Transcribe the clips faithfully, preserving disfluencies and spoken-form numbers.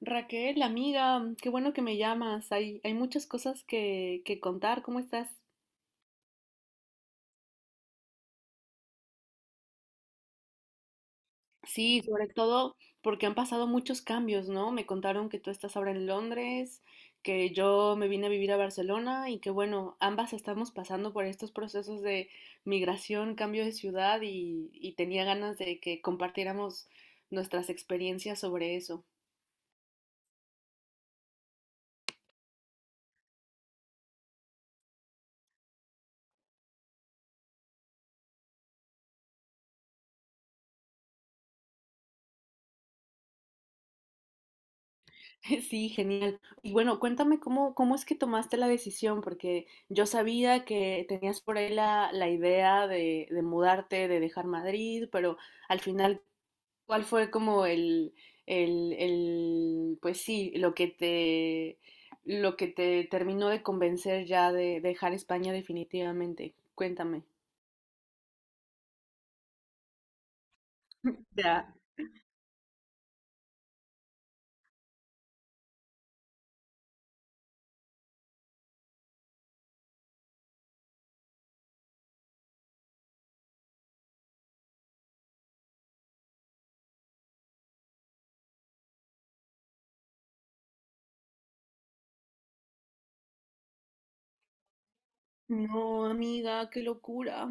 Raquel, amiga, qué bueno que me llamas. Hay, hay muchas cosas que, que contar. ¿Cómo estás? Sí, sobre todo porque han pasado muchos cambios, ¿no? Me contaron que tú estás ahora en Londres, que yo me vine a vivir a Barcelona y que bueno, ambas estamos pasando por estos procesos de migración, cambio de ciudad y, y tenía ganas de que compartiéramos nuestras experiencias sobre eso. Sí, genial. Y bueno, cuéntame cómo, cómo es que tomaste la decisión, porque yo sabía que tenías por ahí la, la idea de, de mudarte, de dejar Madrid, pero al final, ¿cuál fue como el, el, el, pues sí, lo que te, lo que te terminó de convencer ya de dejar España definitivamente? Cuéntame. Ya. No, amiga, qué locura.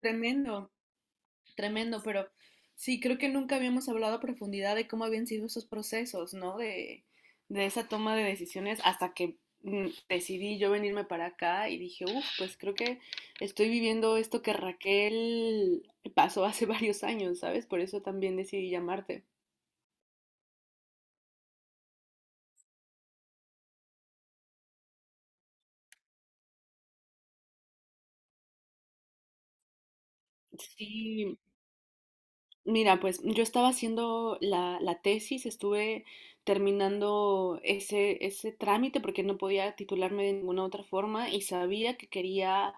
Tremendo. Tremendo, pero sí, creo que nunca habíamos hablado a profundidad de cómo habían sido esos procesos, ¿no? De, de esa toma de decisiones hasta que mm, decidí yo venirme para acá y dije, uff, pues creo que estoy viviendo esto que Raquel pasó hace varios años, ¿sabes? Por eso también decidí llamarte. Sí, mira, pues yo estaba haciendo la, la tesis, estuve terminando ese, ese trámite porque no podía titularme de ninguna otra forma y sabía que quería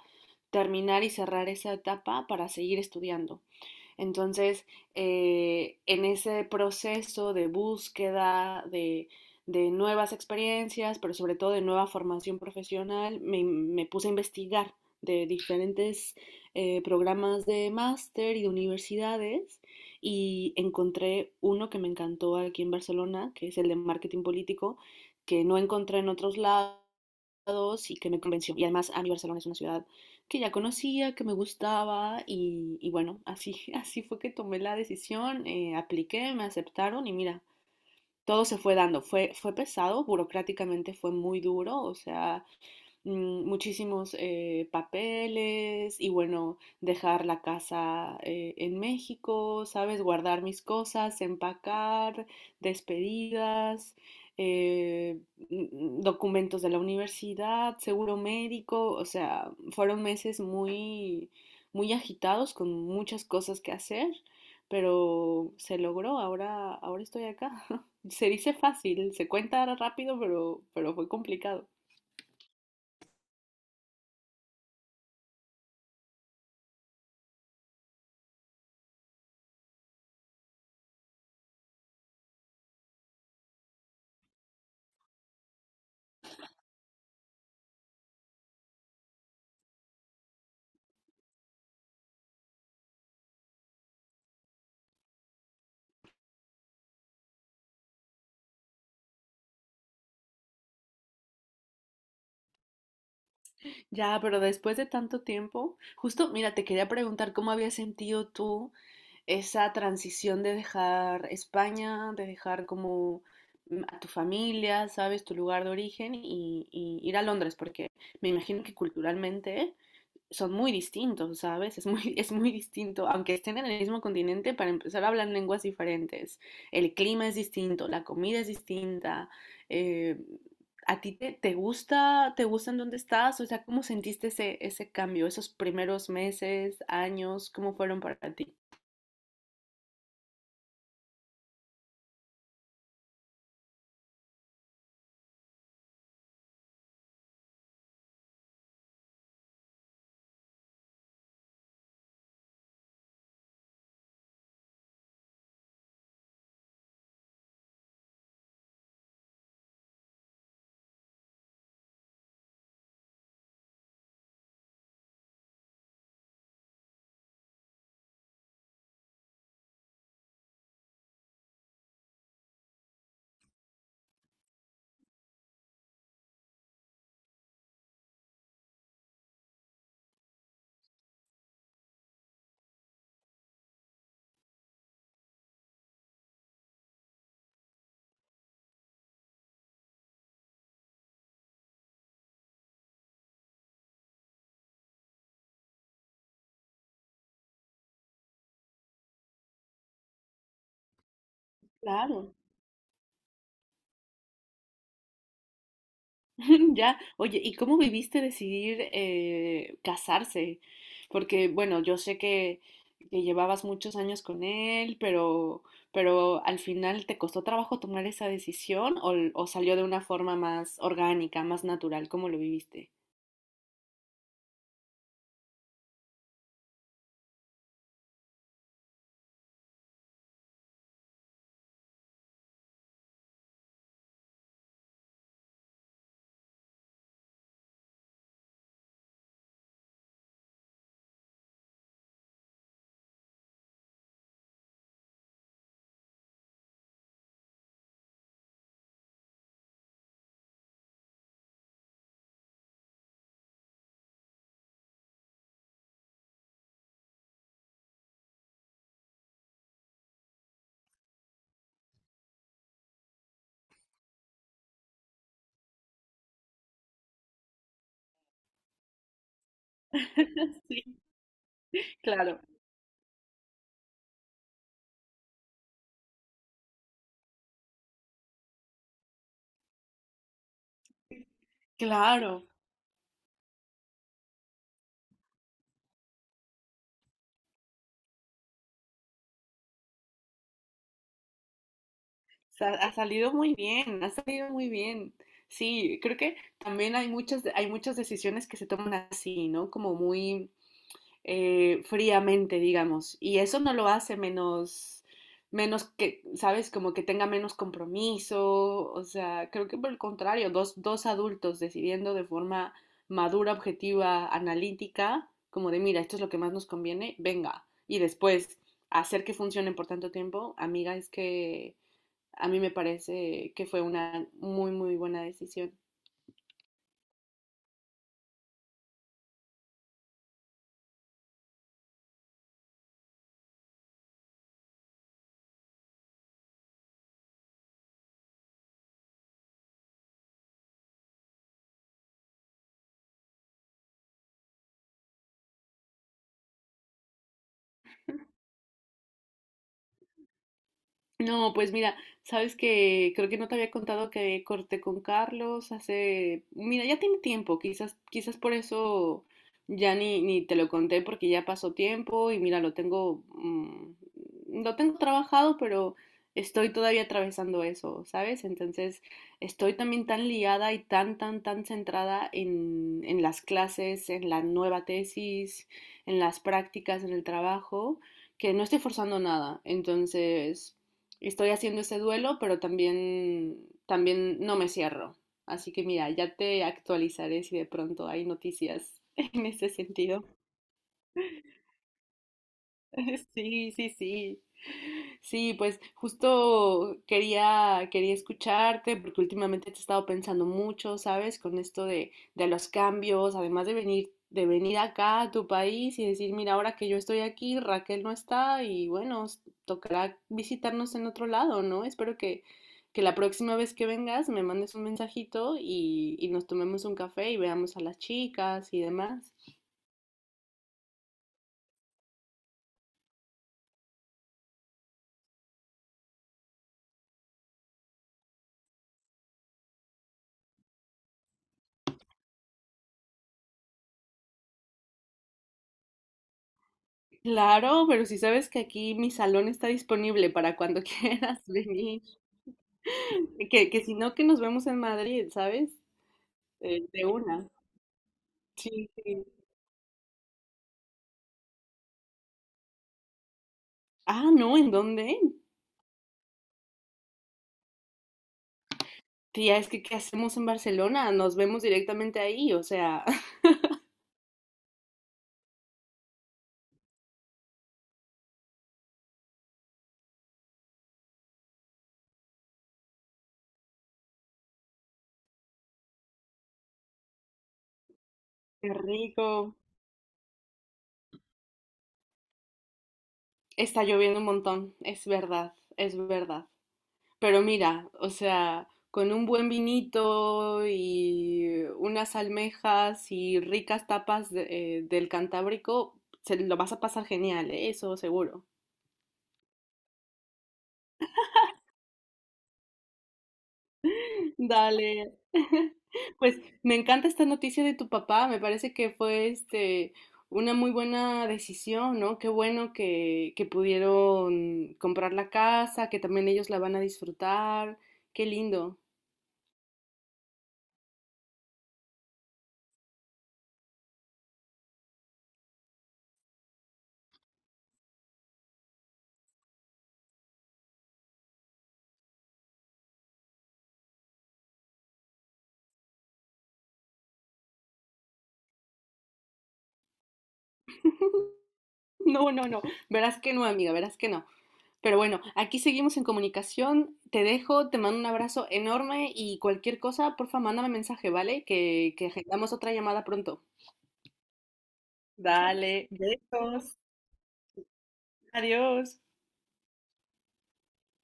terminar y cerrar esa etapa para seguir estudiando. Entonces, eh, en ese proceso de búsqueda de, de nuevas experiencias, pero sobre todo de nueva formación profesional, me, me puse a investigar de diferentes eh, programas de máster y de universidades y encontré uno que me encantó aquí en Barcelona, que es el de marketing político, que no encontré en otros lados y que me convenció. Y además a mí Barcelona es una ciudad que ya conocía, que me gustaba y, y bueno, así, así fue que tomé la decisión, eh, apliqué, me aceptaron y mira, todo se fue dando. Fue, fue pesado, burocráticamente fue muy duro, o sea, mm, muchísimos eh, papeles y bueno, dejar la casa eh, en México, ¿sabes? Guardar mis cosas, empacar, despedidas, eh, mm, mm, documentos de la universidad, seguro médico, o sea, fueron meses muy, muy agitados con muchas cosas que hacer. Pero se logró, ahora, ahora estoy acá. Se dice fácil, se cuenta rápido, pero, pero fue complicado. Ya, pero después de tanto tiempo, justo, mira, te quería preguntar cómo habías sentido tú esa transición de dejar España, de dejar como mm, a tu familia, sabes, tu lugar de origen y, y ir a Londres, porque me imagino que culturalmente son muy distintos, ¿sabes? Es muy, es muy distinto, aunque estén en el mismo continente, para empezar hablan lenguas diferentes. El clima es distinto, la comida es distinta. eh, ¿A ti te, te gusta, te gusta en dónde estás? O sea, ¿cómo sentiste ese, ese cambio, esos primeros meses, años? ¿Cómo fueron para ti? Claro. Ya, oye, ¿y cómo viviste decidir eh, casarse? Porque, bueno, yo sé que, que llevabas muchos años con él, pero, pero al final ¿te costó trabajo tomar esa decisión o, l- o salió de una forma más orgánica, más natural? ¿Cómo lo viviste? Sí, claro, claro, sa- ha salido muy bien, ha salido muy bien. Sí, creo que también hay muchas, hay muchas decisiones que se toman así, ¿no? Como muy eh, fríamente, digamos. Y eso no lo hace menos, menos que, ¿sabes? Como que tenga menos compromiso. O sea, creo que por el contrario, dos, dos adultos decidiendo de forma madura, objetiva, analítica, como de, mira, esto es lo que más nos conviene, venga. Y después hacer que funcione por tanto tiempo, amiga, es que a mí me parece que fue una muy, muy buena decisión. No, pues mira, sabes que creo que no te había contado que corté con Carlos hace, mira, ya tiene tiempo, quizás, quizás por eso ya ni, ni te lo conté porque ya pasó tiempo y mira, lo tengo, mm, lo tengo trabajado, pero estoy todavía atravesando eso, ¿sabes? Entonces, estoy también tan liada y tan, tan, tan centrada en, en las clases, en la nueva tesis, en las prácticas, en el trabajo que no estoy forzando nada. Entonces, estoy haciendo ese duelo, pero también, también no me cierro. Así que mira, ya te actualizaré si de pronto hay noticias en ese sentido. Sí, sí, sí. Sí, pues justo quería, quería escucharte porque últimamente te he estado pensando mucho, ¿sabes? Con esto de, de los cambios, además de venir, de venir acá a tu país y decir, mira, ahora que yo estoy aquí, Raquel no está y bueno, s- tocará visitarnos en otro lado, ¿no? Espero que, que la próxima vez que vengas me mandes un mensajito y, y nos tomemos un café y veamos a las chicas y demás. Claro, pero si sabes que aquí mi salón está disponible para cuando quieras venir, que, que si no, que nos vemos en Madrid, ¿sabes? Eh, de una. Sí, sí. Ah, no, ¿en dónde? Tía, es que ¿qué hacemos en Barcelona? Nos vemos directamente ahí, o sea, qué rico. Está lloviendo un montón, es verdad, es verdad. Pero mira, o sea, con un buen vinito y unas almejas y ricas tapas de- eh, del Cantábrico, se lo vas a pasar genial, ¿eh? Eso seguro. Dale. Pues me encanta esta noticia de tu papá, me parece que fue este una muy buena decisión, ¿no? Qué bueno que, que pudieron comprar la casa, que también ellos la van a disfrutar. Qué lindo. No, no, no. Verás que no, amiga, verás que no. Pero bueno, aquí seguimos en comunicación. Te dejo, te mando un abrazo enorme y cualquier cosa, porfa, mándame mensaje, ¿vale? Que, que agendamos otra llamada pronto. Dale, besos, adiós.